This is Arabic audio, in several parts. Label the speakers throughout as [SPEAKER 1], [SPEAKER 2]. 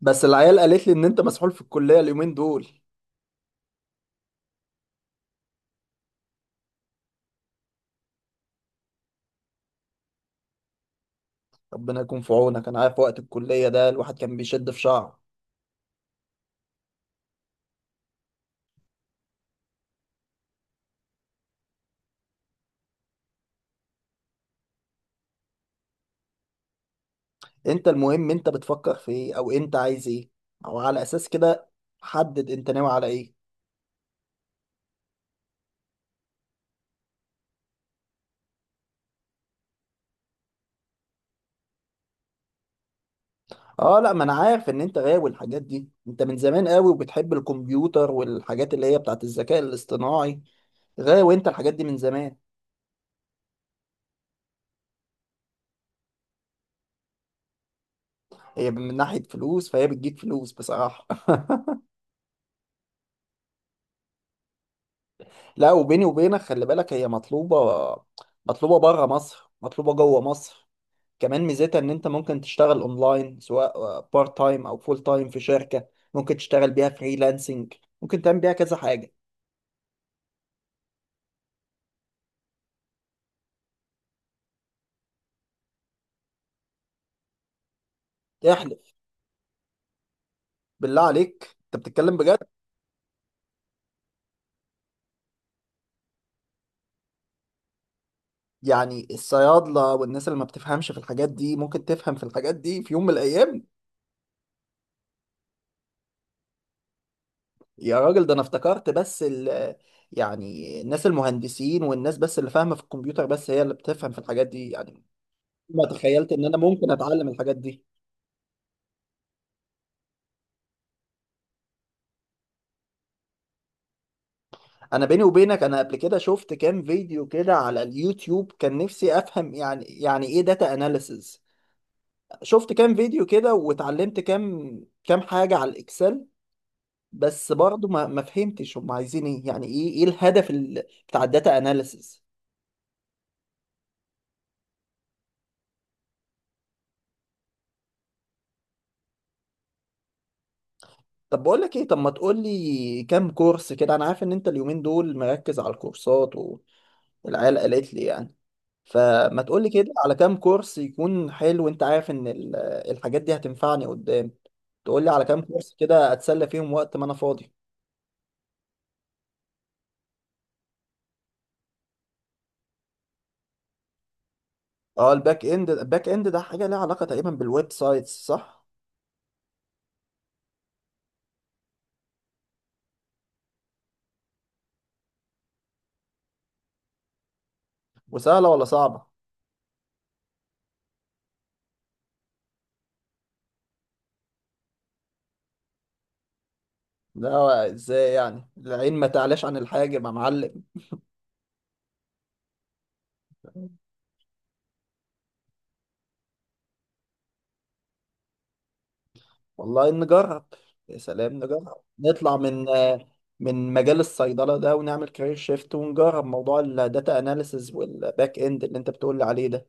[SPEAKER 1] بس العيال قالت لي ان انت مسحول في الكلية اليومين دول. ربنا يكون في عونك، انا عارف وقت الكلية ده الواحد كان بيشد في شعره. انت المهم، انت بتفكر في ايه او انت عايز ايه؟ او على اساس كده، حدد انت ناوي على ايه. اه لا، ما انا عارف ان انت غاوي الحاجات دي، انت من زمان قوي وبتحب الكمبيوتر والحاجات اللي هي بتاعت الذكاء الاصطناعي. غاوي انت الحاجات دي من زمان. هي من ناحية فلوس فهي بتجيب فلوس بصراحة لا، وبيني وبينك خلي بالك هي مطلوبة. مطلوبة بره مصر، مطلوبة جوه مصر. كمان ميزتها ان انت ممكن تشتغل اونلاين، سواء بارت تايم او فول تايم في شركة. ممكن تشتغل بيها فريلانسنج. ممكن تعمل بيها كذا حاجة. احلف، بالله عليك انت بتتكلم بجد؟ يعني الصيادلة والناس اللي ما بتفهمش في الحاجات دي ممكن تفهم في الحاجات دي في يوم من الايام؟ يا راجل ده انا افتكرت بس ال يعني الناس المهندسين والناس بس اللي فاهمة في الكمبيوتر بس هي اللي بتفهم في الحاجات دي يعني. ما تخيلت ان انا ممكن اتعلم الحاجات دي. انا بيني وبينك انا قبل كده شفت كام فيديو كده على اليوتيوب، كان نفسي افهم يعني ايه داتا اناليسز. شفت كام فيديو كده واتعلمت كام حاجة على الاكسل. بس برضو ما فهمتش هم عايزين ايه، يعني ايه الهدف بتاع الداتا اناليسز. طب بقول لك ايه، طب ما تقول لي كام كورس كده. انا عارف ان انت اليومين دول مركز على الكورسات، والعيال قالت لي يعني. فما تقولي كده على كام كورس يكون حلو، وانت عارف ان الحاجات دي هتنفعني قدام. تقولي على كام كورس كده اتسلى فيهم وقت ما انا فاضي. اه، الباك اند ده حاجة ليها علاقة تقريبا بالويب سايتس، صح؟ وسهلة ولا صعبة؟ لا، ازاي يعني؟ العين ما تعلاش عن الحاجب يا معلم. والله نجرب. يا سلام، نجرب نطلع من مجال الصيدلة ده ونعمل كارير شيفت ونجرب موضوع الداتا اناليسز والباك اند اللي انت بتقولي عليه ده.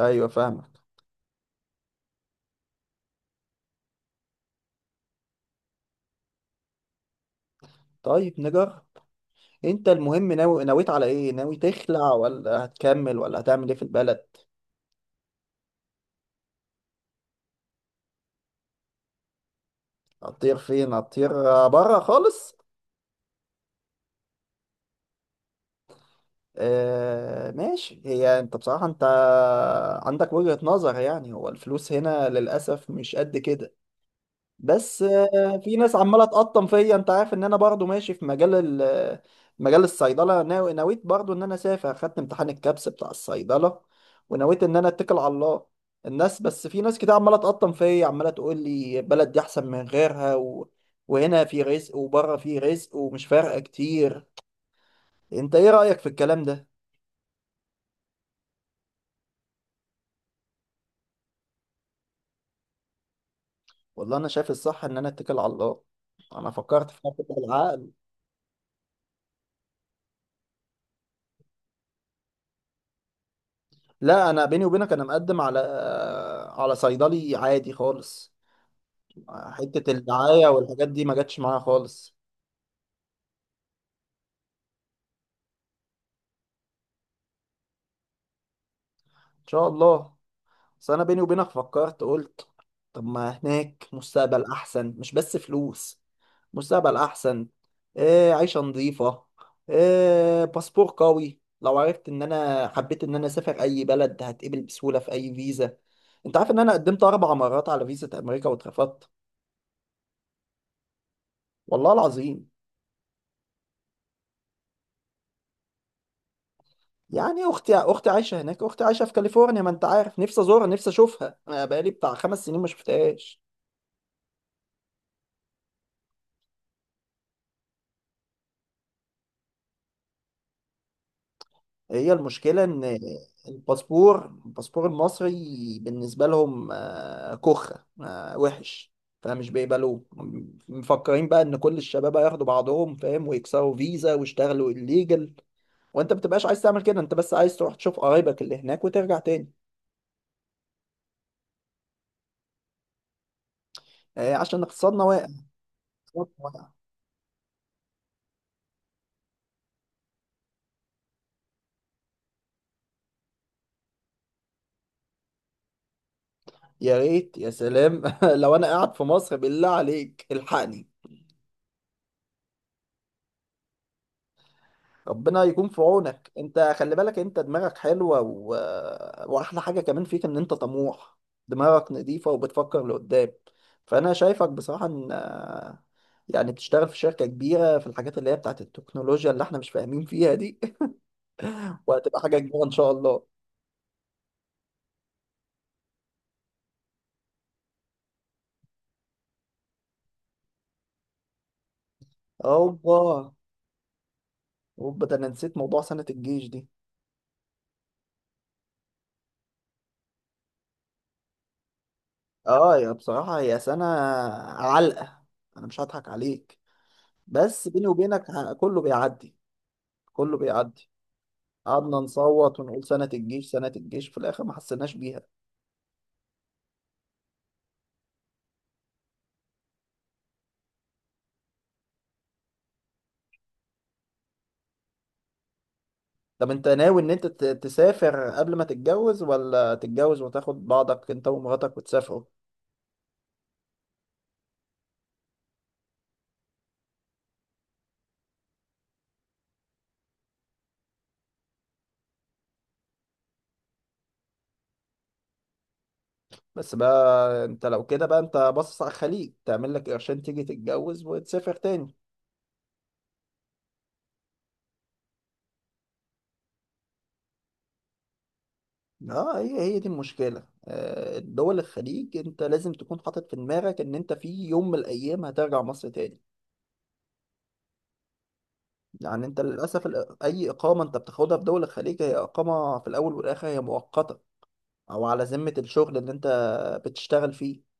[SPEAKER 1] ايوه فاهمك. طيب انت المهم ناوي، نويت على ايه؟ ناوي تخلع ولا هتكمل ولا هتعمل ايه في البلد؟ هتطير فين؟ هتطير بره خالص؟ آه ماشي. هي انت بصراحة، انت عندك وجهة نظر، يعني هو الفلوس هنا للأسف مش قد كده. بس في ناس عماله تقطم فيا، انت عارف ان انا برضو ماشي في مجال ال- مجال الصيدله، ناوي نويت برضو ان انا اسافر، خدت امتحان الكابس بتاع الصيدله، ونويت ان انا اتكل على الله. الناس، بس في ناس كده عماله تقطم فيا، عماله تقول لي البلد دي احسن من غيرها وهنا في رزق وبره في رزق ومش فارقه كتير. انت ايه رايك في الكلام ده؟ والله انا شايف الصح ان انا اتكل على الله. انا فكرت في حاجه العقل. لا، انا بيني وبينك انا مقدم على على صيدلي عادي خالص. حتة الدعاية والحاجات دي ما جاتش معايا خالص. ان شاء الله. بس انا بيني وبينك فكرت، قلت طب ما هناك مستقبل احسن، مش بس فلوس. مستقبل احسن. إيه، عيشة نظيفة. إيه، باسبور قوي، لو عرفت ان انا حبيت ان انا اسافر اي بلد هتقبل بسهولة في اي فيزا. انت عارف ان انا قدمت اربع مرات على فيزا امريكا واترفضت. والله العظيم. يعني اختي عايشه هناك، اختي عايشه في كاليفورنيا. ما انت عارف، نفسي ازورها، نفسي اشوفها. انا بقالي بتاع خمس سنين ما شفتهاش. هي المشكلة إن الباسبور المصري بالنسبة لهم كخة، وحش، فمش بيقبلوه. مفكرين بقى إن كل الشباب هياخدوا بعضهم، فاهم، ويكسروا فيزا ويشتغلوا الليجل، وأنت بتبقاش عايز تعمل كده، أنت بس عايز تروح تشوف قرايبك اللي هناك وترجع تاني. عشان اقتصادنا واقع. اقتصادنا واقع. يا ريت. يا سلام لو أنا قاعد في مصر بالله عليك الحقني. ربنا يكون في عونك. انت خلي بالك، انت دماغك حلوة واحلى حاجة كمان فيك ان انت طموح. دماغك نظيفة وبتفكر لقدام. فانا شايفك بصراحة ان يعني تشتغل في شركة كبيرة في الحاجات اللي هي بتاعت التكنولوجيا اللي احنا مش فاهمين فيها دي وهتبقى حاجة كبيرة ان شاء الله. اوبا، اوبا، ده انا نسيت موضوع سنة الجيش دي. اه، يا بصراحة هي سنة علقة، انا مش هضحك عليك. بس بيني وبينك كله بيعدي. كله بيعدي. قعدنا نصوت ونقول سنة الجيش، سنة الجيش، في الآخر ما حسيناش بيها. طب أنت ناوي إن أنت تسافر قبل ما تتجوز، ولا تتجوز وتاخد بعضك أنت ومراتك وتسافروا؟ بس بقى أنت لو كده بقى، أنت باصص على الخليج، تعمل لك قرشين تيجي تتجوز وتسافر تاني. اه، هي دي المشكلة. دول الخليج انت لازم تكون حاطط في دماغك ان انت في يوم من الايام هترجع مصر تاني. يعني انت للاسف اي اقامة انت بتاخدها في دول الخليج هي اقامة في الاول والاخر، هي مؤقتة او على ذمة الشغل اللي انت بتشتغل فيه.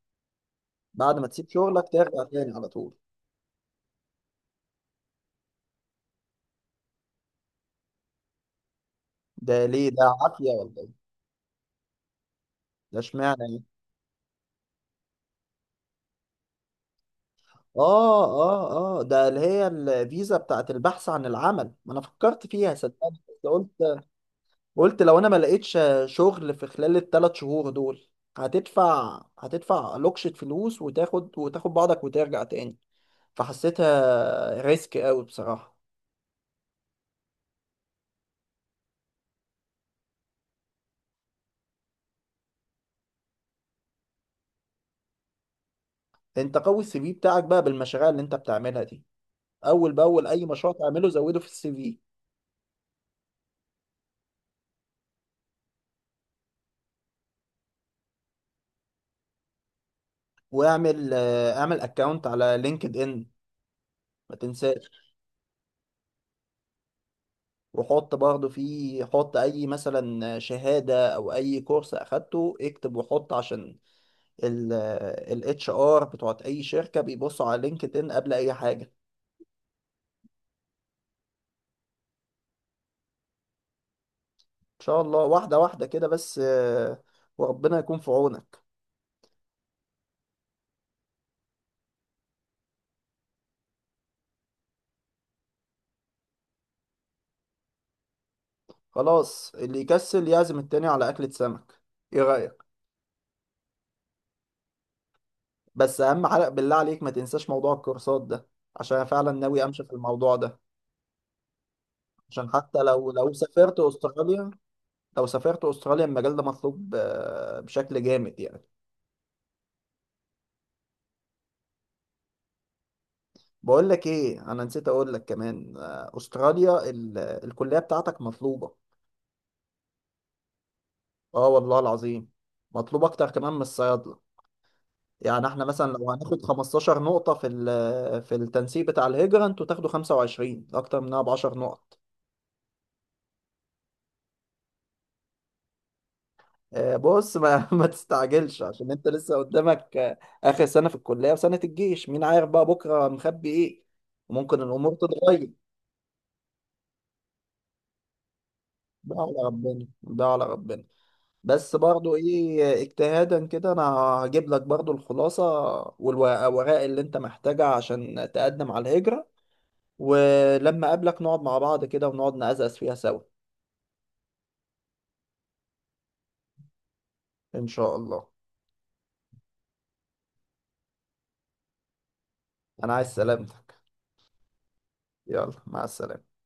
[SPEAKER 1] بعد ما تسيب شغلك ترجع تاني على طول. ده ليه ده؟ عافية ولا ايه؟ ده اشمعنى ايه؟ اه، اه، اه، ده اللي هي الفيزا بتاعت البحث عن العمل، ما انا فكرت فيها صدقني. بس قلت، قلت لو انا ما لقيتش شغل في خلال الثلاث شهور دول، هتدفع لوكشة فلوس وتاخد بعضك وترجع تاني. فحسيتها ريسك قوي بصراحة. انت قوي السي في بتاعك بقى بالمشاريع اللي انت بتعملها دي. اول باول اي مشروع تعمله زوده في السي في. واعمل، اعمل اكونت على لينكد ان، ما تنساش. وحط برضه فيه، حط اي مثلا شهاده او اي كورس اخدته اكتب وحط، عشان الاتش ار بتوعت اي شركه بيبصوا على لينكد ان قبل اي حاجه. ان شاء الله، واحده واحده كده بس. وربنا يكون في عونك. خلاص، اللي يكسل يعزم التاني على اكلة سمك، ايه رايك؟ بس اهم حاجه بالله عليك ما تنساش موضوع الكورسات ده، عشان أنا فعلا ناوي امشي في الموضوع ده. عشان حتى لو سافرت استراليا، لو سافرت استراليا المجال ده مطلوب بشكل جامد يعني. بقول لك ايه، انا نسيت اقول لك كمان، استراليا الكليه بتاعتك مطلوبه. اه والله العظيم. مطلوب اكتر كمان من الصيادله. يعني احنا مثلا لو هناخد 15 نقطه في في التنسيق بتاع الهجره، انتوا تاخدوا 25، اكتر منها ب 10 نقط. بص ما ما تستعجلش عشان انت لسه قدامك، اخر سنه في الكليه وسنه الجيش، مين عارف بقى بكره مخبي ايه؟ وممكن الامور تتغير. ده على ربنا، ده على ربنا. بس برضو ايه، اجتهادا كده انا هجيب لك برضو الخلاصه والورق اللي انت محتاجها عشان تقدم على الهجره، ولما اقابلك نقعد مع بعض كده ونقعد نقزقز فيها سوا. ان شاء الله. انا عايز سلامتك. يلا مع السلامه.